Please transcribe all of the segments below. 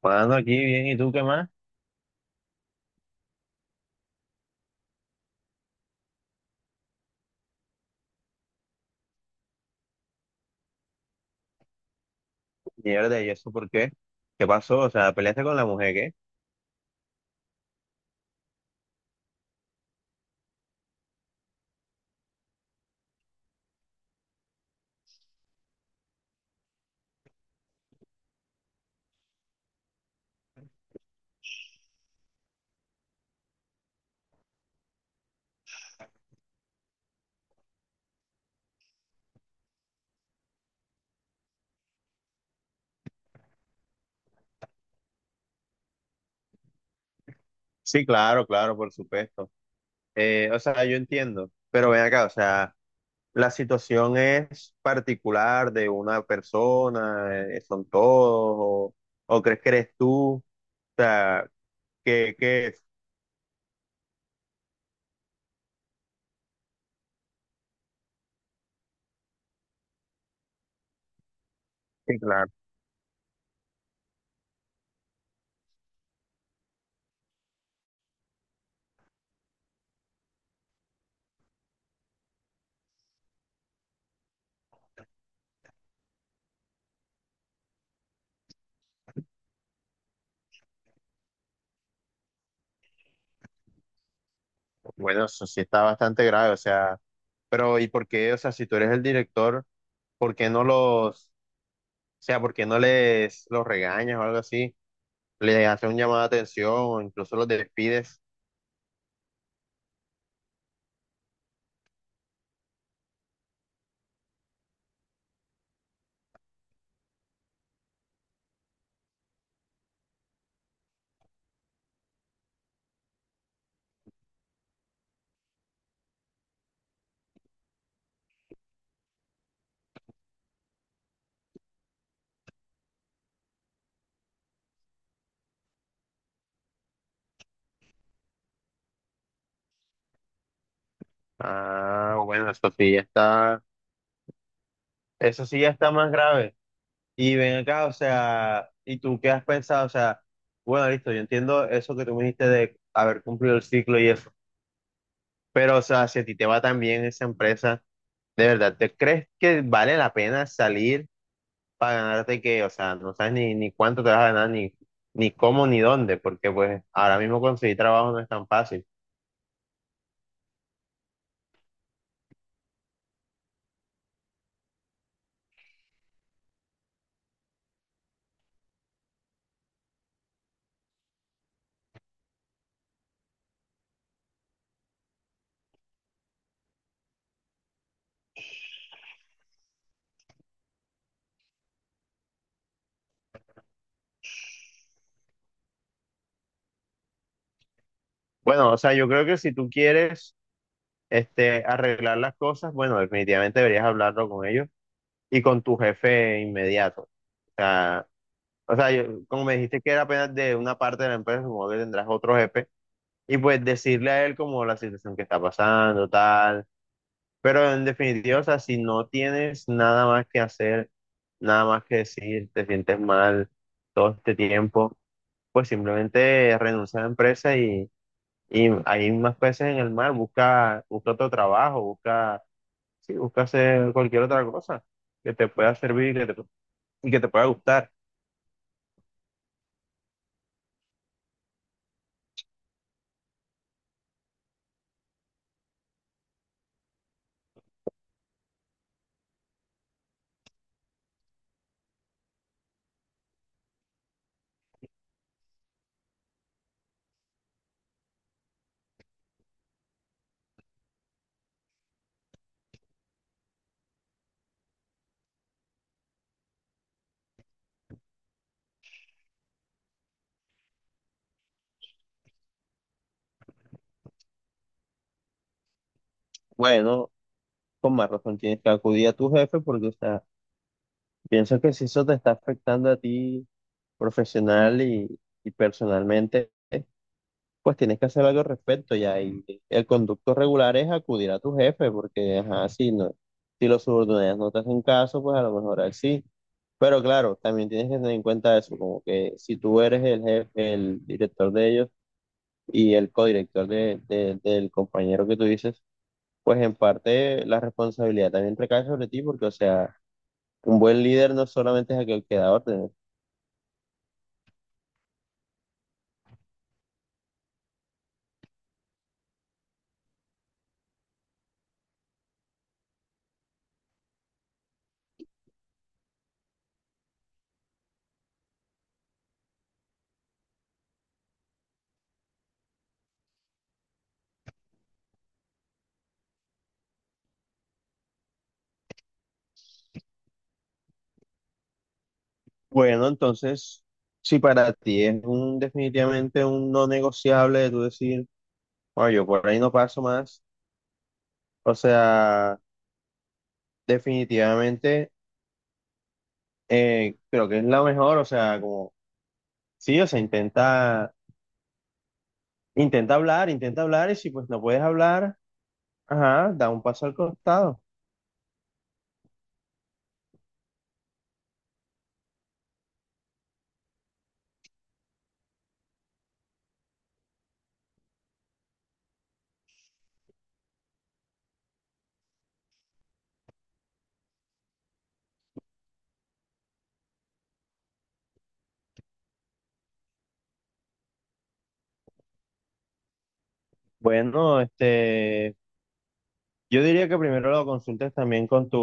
Jugando aquí bien, ¿y tú qué más? Mierda, ¿y eso por qué? ¿Qué pasó? O sea, ¿peleaste con la mujer, qué? Sí, claro, claro, por supuesto. O sea, yo entiendo, pero ven acá, o sea, la situación es particular de una persona, son todos, o, o crees que eres tú, o sea, que, que, sí, claro. Bueno, eso sí está bastante grave, o sea, pero ¿y por qué? O sea, si tú eres el director, ¿por qué no los, o sea, por qué no les los regañas o algo así? Le haces un llamado de atención o incluso los despides. Ah, bueno, eso sí ya está más grave. Y ven acá, o sea, ¿y tú qué has pensado? O sea, bueno, listo, yo entiendo eso que tú me dijiste de haber cumplido el ciclo y eso, pero o sea, si a ti te va tan bien esa empresa, ¿de verdad te crees que vale la pena salir para ganarte que, o sea, no sabes ni cuánto te vas a ganar, ni cómo, ni dónde, porque pues ahora mismo conseguir trabajo no es tan fácil? Bueno, o sea, yo creo que si tú quieres arreglar las cosas, bueno, definitivamente deberías hablarlo con ellos y con tu jefe inmediato. Sea, Como me dijiste que era apenas de una parte de la empresa, supongo que tendrás otro jefe, y pues decirle a él como la situación que está pasando, tal. Pero en definitiva, o sea, si no tienes nada más que hacer, nada más que decir, te sientes mal todo este tiempo, pues simplemente renuncia a la empresa y hay más peces en el mar, busca, busca otro trabajo, busca. Sí, busca hacer cualquier otra cosa que te pueda servir y y que te pueda gustar. Bueno, con más razón tienes que acudir a tu jefe porque, o sea, pienso que si eso te está afectando a ti profesional y personalmente, pues tienes que hacer algo al respecto ya. Y el conducto regular es acudir a tu jefe porque, ajá, si los subordinados no te hacen caso, pues a lo mejor él sí. Pero claro, también tienes que tener en cuenta eso, como que si tú eres el jefe, el director de ellos, y el codirector del compañero que tú dices, pues en parte la responsabilidad también recae sobre ti, porque, o sea, un buen líder no solamente es aquel que da órdenes. Bueno, entonces, si para ti es un definitivamente un no negociable de tú decir, bueno, yo por ahí no paso más, o sea, definitivamente creo que es la mejor, o sea, como, sí, o sea, intenta, intenta hablar, y si pues no puedes hablar, ajá, da un paso al costado. Bueno, yo diría que primero lo consultes también con tu,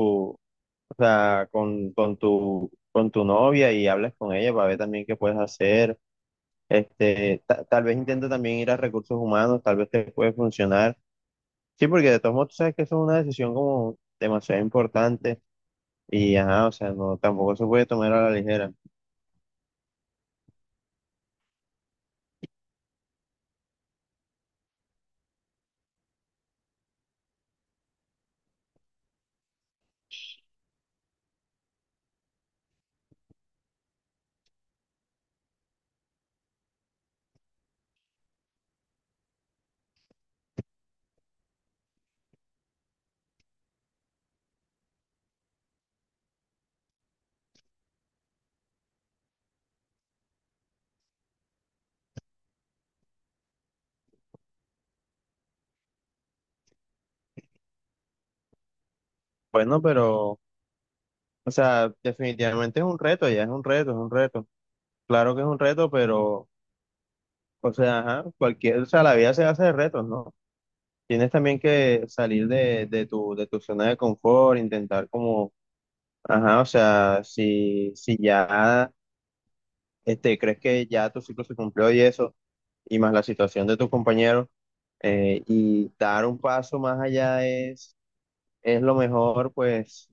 o sea, con tu novia y hables con ella para ver también qué puedes hacer. Tal vez intenta también ir a recursos humanos, tal vez te puede funcionar. Sí, porque de todos modos tú sabes que eso es una decisión como demasiado importante y ajá, o sea, no, tampoco se puede tomar a la ligera. Bueno, pero, o sea, definitivamente es un reto, ya es un reto, es un reto. Claro que es un reto, pero, o sea, ajá, o sea, la vida se hace de retos, ¿no? Tienes también que salir de tu zona de confort, intentar como, ajá, o sea, si ya crees que ya tu ciclo se cumplió y eso, y más la situación de tus compañeros, y dar un paso más allá es lo mejor,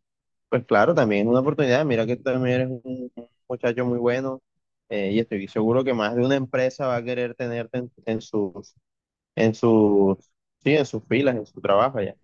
pues claro, también es una oportunidad. Mira que tú también eres un muchacho muy bueno, y estoy seguro que más de una empresa va a querer tenerte en sus, sí, en sus filas, en su trabajo allá.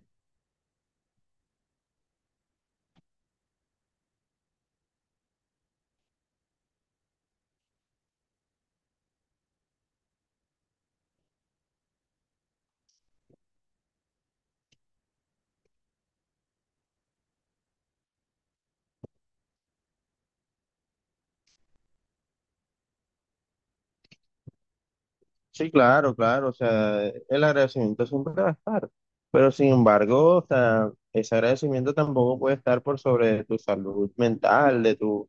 Sí, claro, claro, o sea, el agradecimiento siempre va a estar, pero sin embargo, o sea, ese agradecimiento tampoco puede estar por sobre tu salud mental,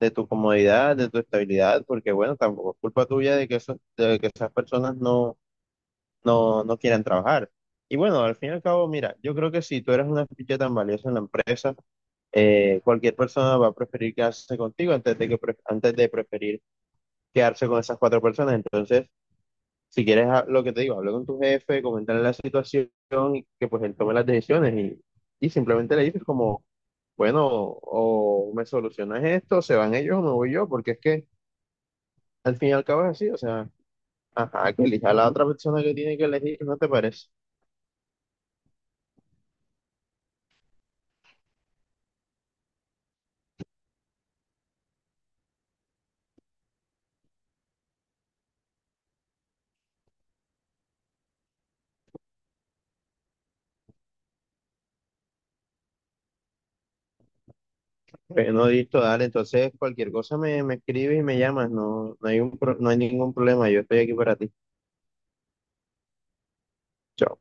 de tu comodidad, de tu estabilidad, porque bueno, tampoco es culpa tuya de de que esas personas no quieran trabajar. Y bueno, al fin y al cabo, mira, yo creo que si tú eres una ficha tan valiosa en la empresa, cualquier persona va a preferir quedarse contigo antes de preferir quedarse con esas cuatro personas, entonces... Si quieres lo que te digo, habla con tu jefe, comentarle la situación y que pues él tome las decisiones y simplemente le dices como, bueno, o me solucionas esto, se van ellos o me voy yo, porque es que al fin y al cabo es así, o sea, ajá, que elija a la otra persona que tiene que elegir, ¿no te parece? Bueno, listo, dale, entonces cualquier cosa me escribes y me llamas, no hay no hay ningún problema, yo estoy aquí para ti. Chao.